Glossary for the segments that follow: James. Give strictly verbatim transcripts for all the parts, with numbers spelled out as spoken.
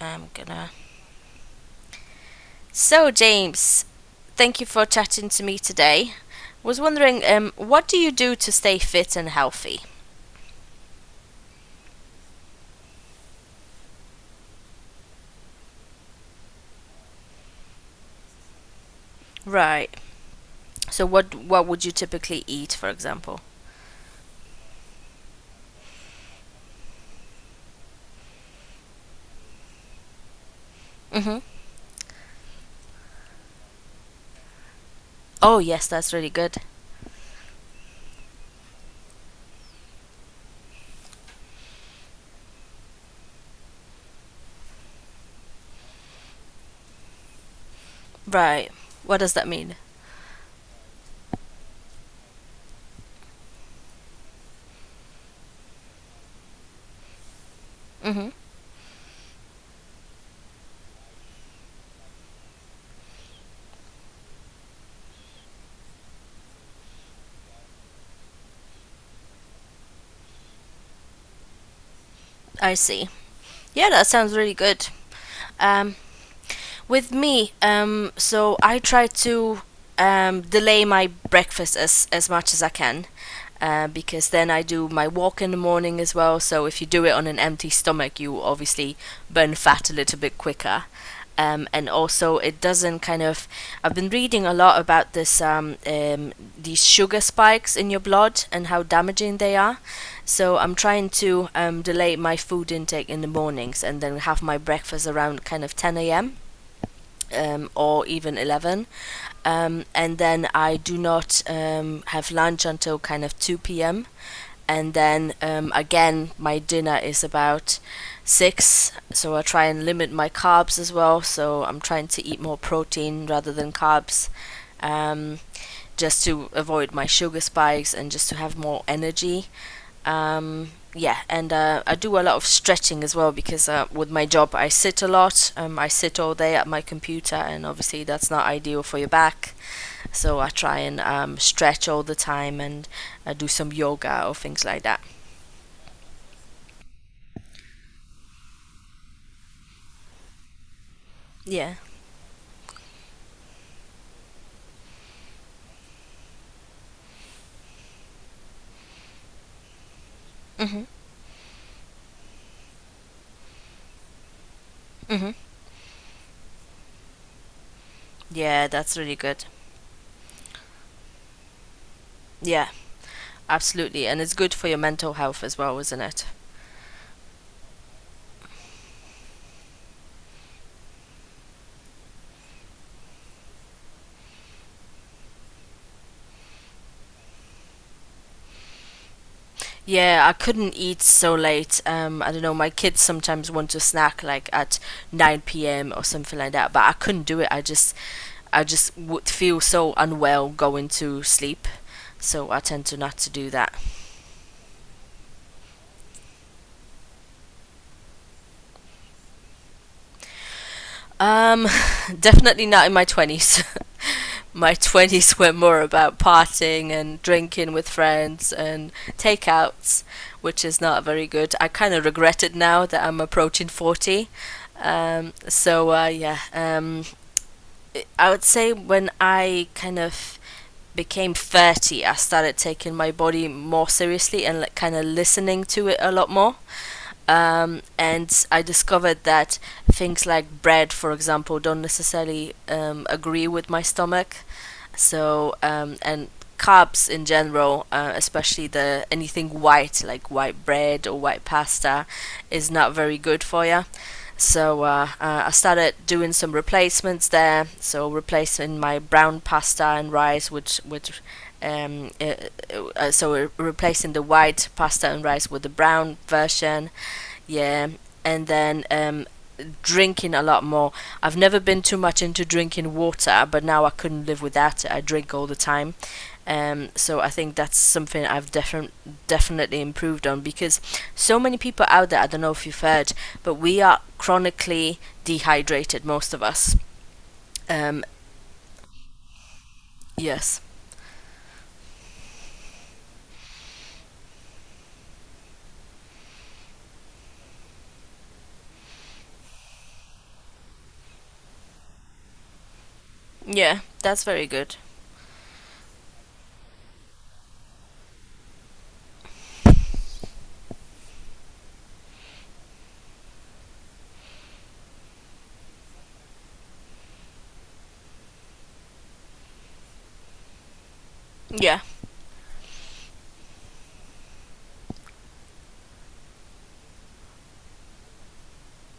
I'm gonna. So, James, thank you for chatting to me today. Was wondering, um, what do you do to stay fit and healthy? Right. So, what what would you typically eat, for example? Mhm. Oh, yes, that's really good. Right. What does that mean? Mhm. I see. Yeah, that sounds really good. Um, with me, um, so I try to um delay my breakfast as as much as I can, uh, because then I do my walk in the morning as well. So if you do it on an empty stomach, you obviously burn fat a little bit quicker. Um, and also, it doesn't kind of. I've been reading a lot about this, um, um, these sugar spikes in your blood and how damaging they are. So I'm trying to um, delay my food intake in the mornings and then have my breakfast around kind of ten a m um, or even eleven. Um, and then I do not um, have lunch until kind of two p m, and then um, again my dinner is about six. So I try and limit my carbs as well, so I'm trying to eat more protein rather than carbs, um, just to avoid my sugar spikes and just to have more energy, um, yeah, and uh, I do a lot of stretching as well because uh, with my job I sit a lot, um, I sit all day at my computer and obviously that's not ideal for your back, so I try and um, stretch all the time and uh, do some yoga or things like that. Yeah. Mhm. Mhm. Yeah, that's really good. Yeah, absolutely. And it's good for your mental health as well, isn't it? Yeah, I couldn't eat so late. Um, I don't know, my kids sometimes want to snack like at nine p m or something like that, but I couldn't do it. I just I just would feel so unwell going to sleep. So I tend to not to do that. Um, Definitely not in my twenties. My twenties were more about partying and drinking with friends and takeouts, which is not very good. I kind of regret it now that I'm approaching forty. Um, so, uh, yeah, um, I would say when I kind of became thirty, I started taking my body more seriously and, like, kind of listening to it a lot more, um, and I discovered that things like bread, for example, don't necessarily um, agree with my stomach. So, um, and carbs in general, uh, especially the anything white like white bread or white pasta, is not very good for you. So uh, uh, I started doing some replacements there. So replacing my brown pasta and rice with with um, uh, uh, so replacing the white pasta and rice with the brown version. Yeah, and then um, drinking a lot more. I've never been too much into drinking water, but now I couldn't live without it. I drink all the time. Um, so I think that's something I've defi- definitely improved on because so many people out there, I don't know if you've heard, but we are chronically dehydrated, most of us. Um, yes. Yeah, that's very good. Yeah.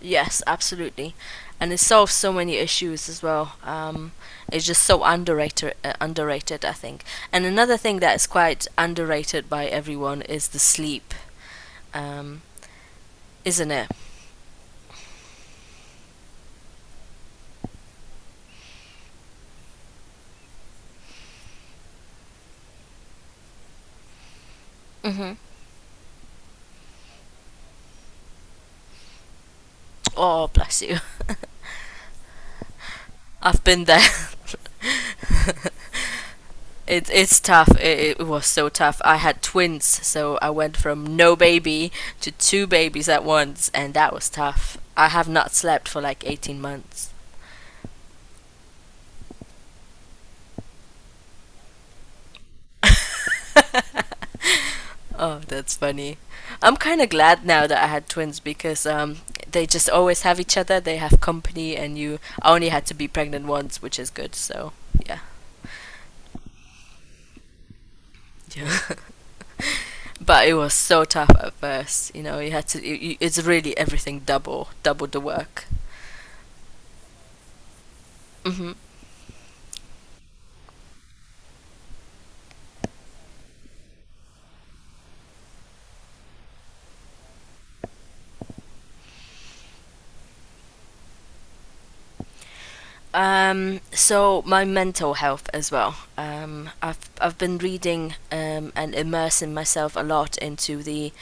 Yes, absolutely, and it solves so many issues as well. Um, it's just so underrated, uh, underrated, I think. And another thing that is quite underrated by everyone is the sleep, um, isn't it? Hmm. Oh, bless you. I've been there. It, it's tough. It, it was so tough. I had twins, so I went from no baby to two babies at once, and that was tough. I have not slept for like eighteen months. Oh, that's funny. I'm kind of glad now that I had twins because um, they just always have each other. They have company, and you I only had to be pregnant once, which is good. So yeah, yeah. But it was so tough at first. You know, you had to. You, you, it's really everything double, double the work. Hmm. Um, so my mental health as well. Um, I've I've been reading um, and immersing myself a lot into the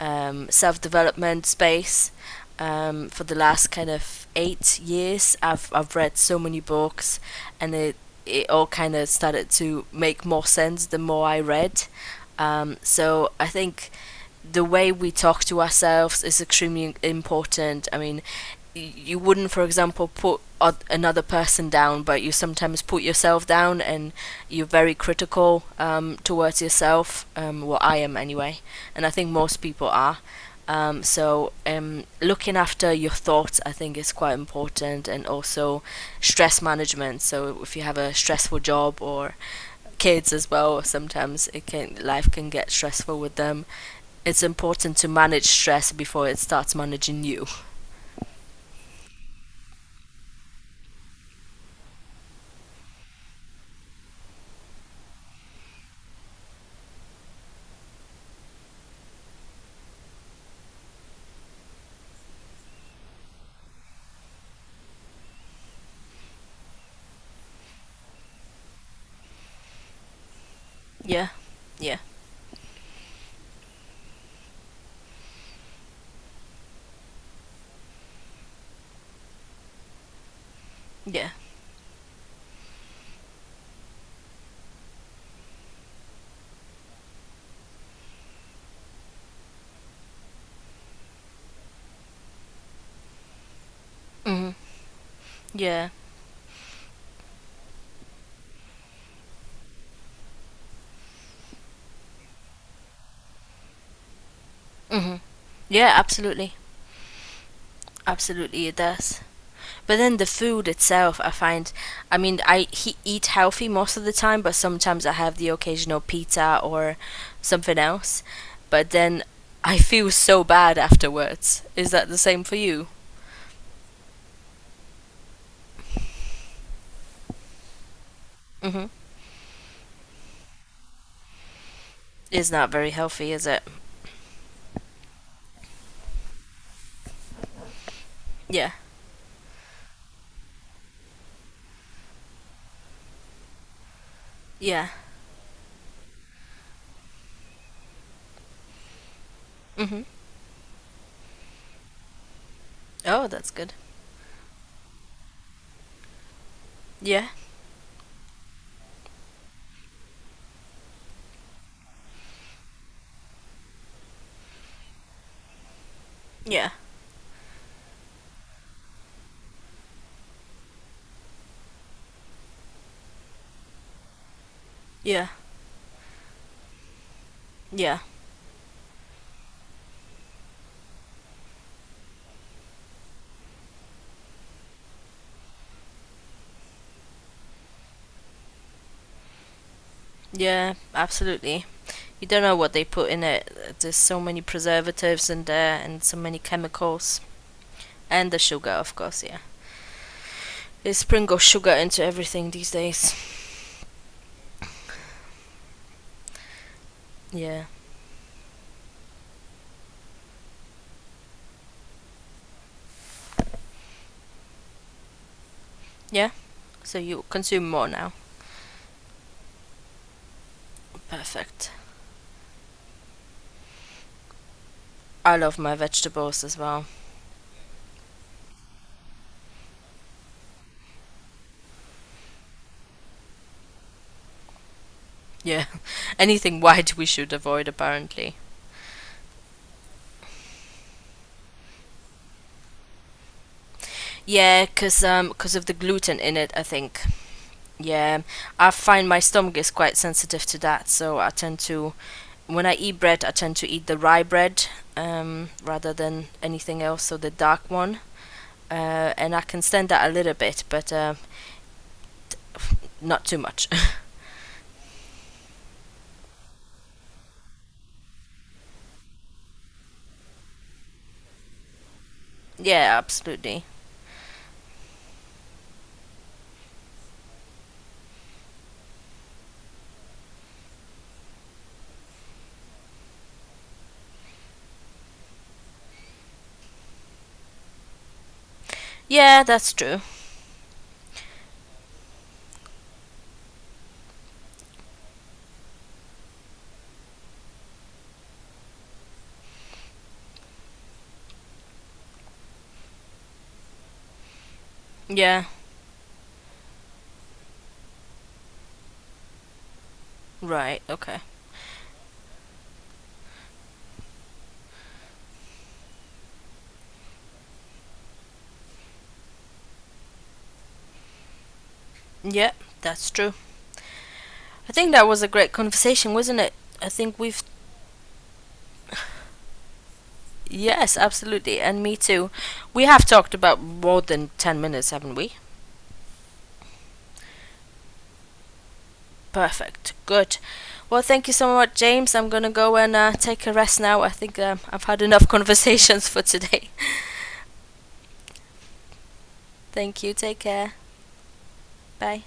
um, self development space. Um, for the last kind of eight years, I've I've read so many books, and it it all kind of started to make more sense the more I read. Um, so I think the way we talk to ourselves is extremely important. I mean, you wouldn't, for example, put another person down, but you sometimes put yourself down and you're very critical um, towards yourself. Um, well, I am anyway, and I think most people are. Um, so, um, looking after your thoughts, I think, is quite important, and also stress management. So, if you have a stressful job or kids as well, sometimes it can life can get stressful with them. It's important to manage stress before it starts managing you. Yeah, yeah, yeah. Hmm. Yeah. Hmm. Yeah, absolutely. Absolutely, it does. But then the food itself, I find, I mean, I he, eat healthy most of the time, but sometimes I have the occasional pizza or something else. But then I feel so bad afterwards. Is that the same for you? Mm-hmm. It's not very healthy, is it? Yeah. Yeah. Mm-hmm. Oh, that's good. Yeah. Yeah. Yeah. Yeah. Yeah. Absolutely. You don't know what they put in it. There's so many preservatives in there and so many chemicals. And the sugar, of course, yeah. They sprinkle sugar into everything these days. Yeah. Yeah? So you consume more now. Perfect. I love my vegetables as well. Yeah. Anything white we should avoid, apparently. Yeah, 'cause um 'cause of the gluten in it, I think. Yeah, I find my stomach is quite sensitive to that, so I tend to, when I eat bread, I tend to eat the rye bread um, rather than anything else, so the dark one. Uh, and I can stand that a little bit, but uh, not too much. Yeah, absolutely. Yeah, that's true. Yeah, right, okay. Yeah, that's true. I think that was a great conversation, wasn't it? I think we've. Yes, absolutely, and me too. We have talked about more than ten minutes, haven't we? Perfect. Good. Well, thank you so much, James. I'm going to go and uh, take a rest now. I think um, I've had enough conversations for today. Thank you. Take care. Bye.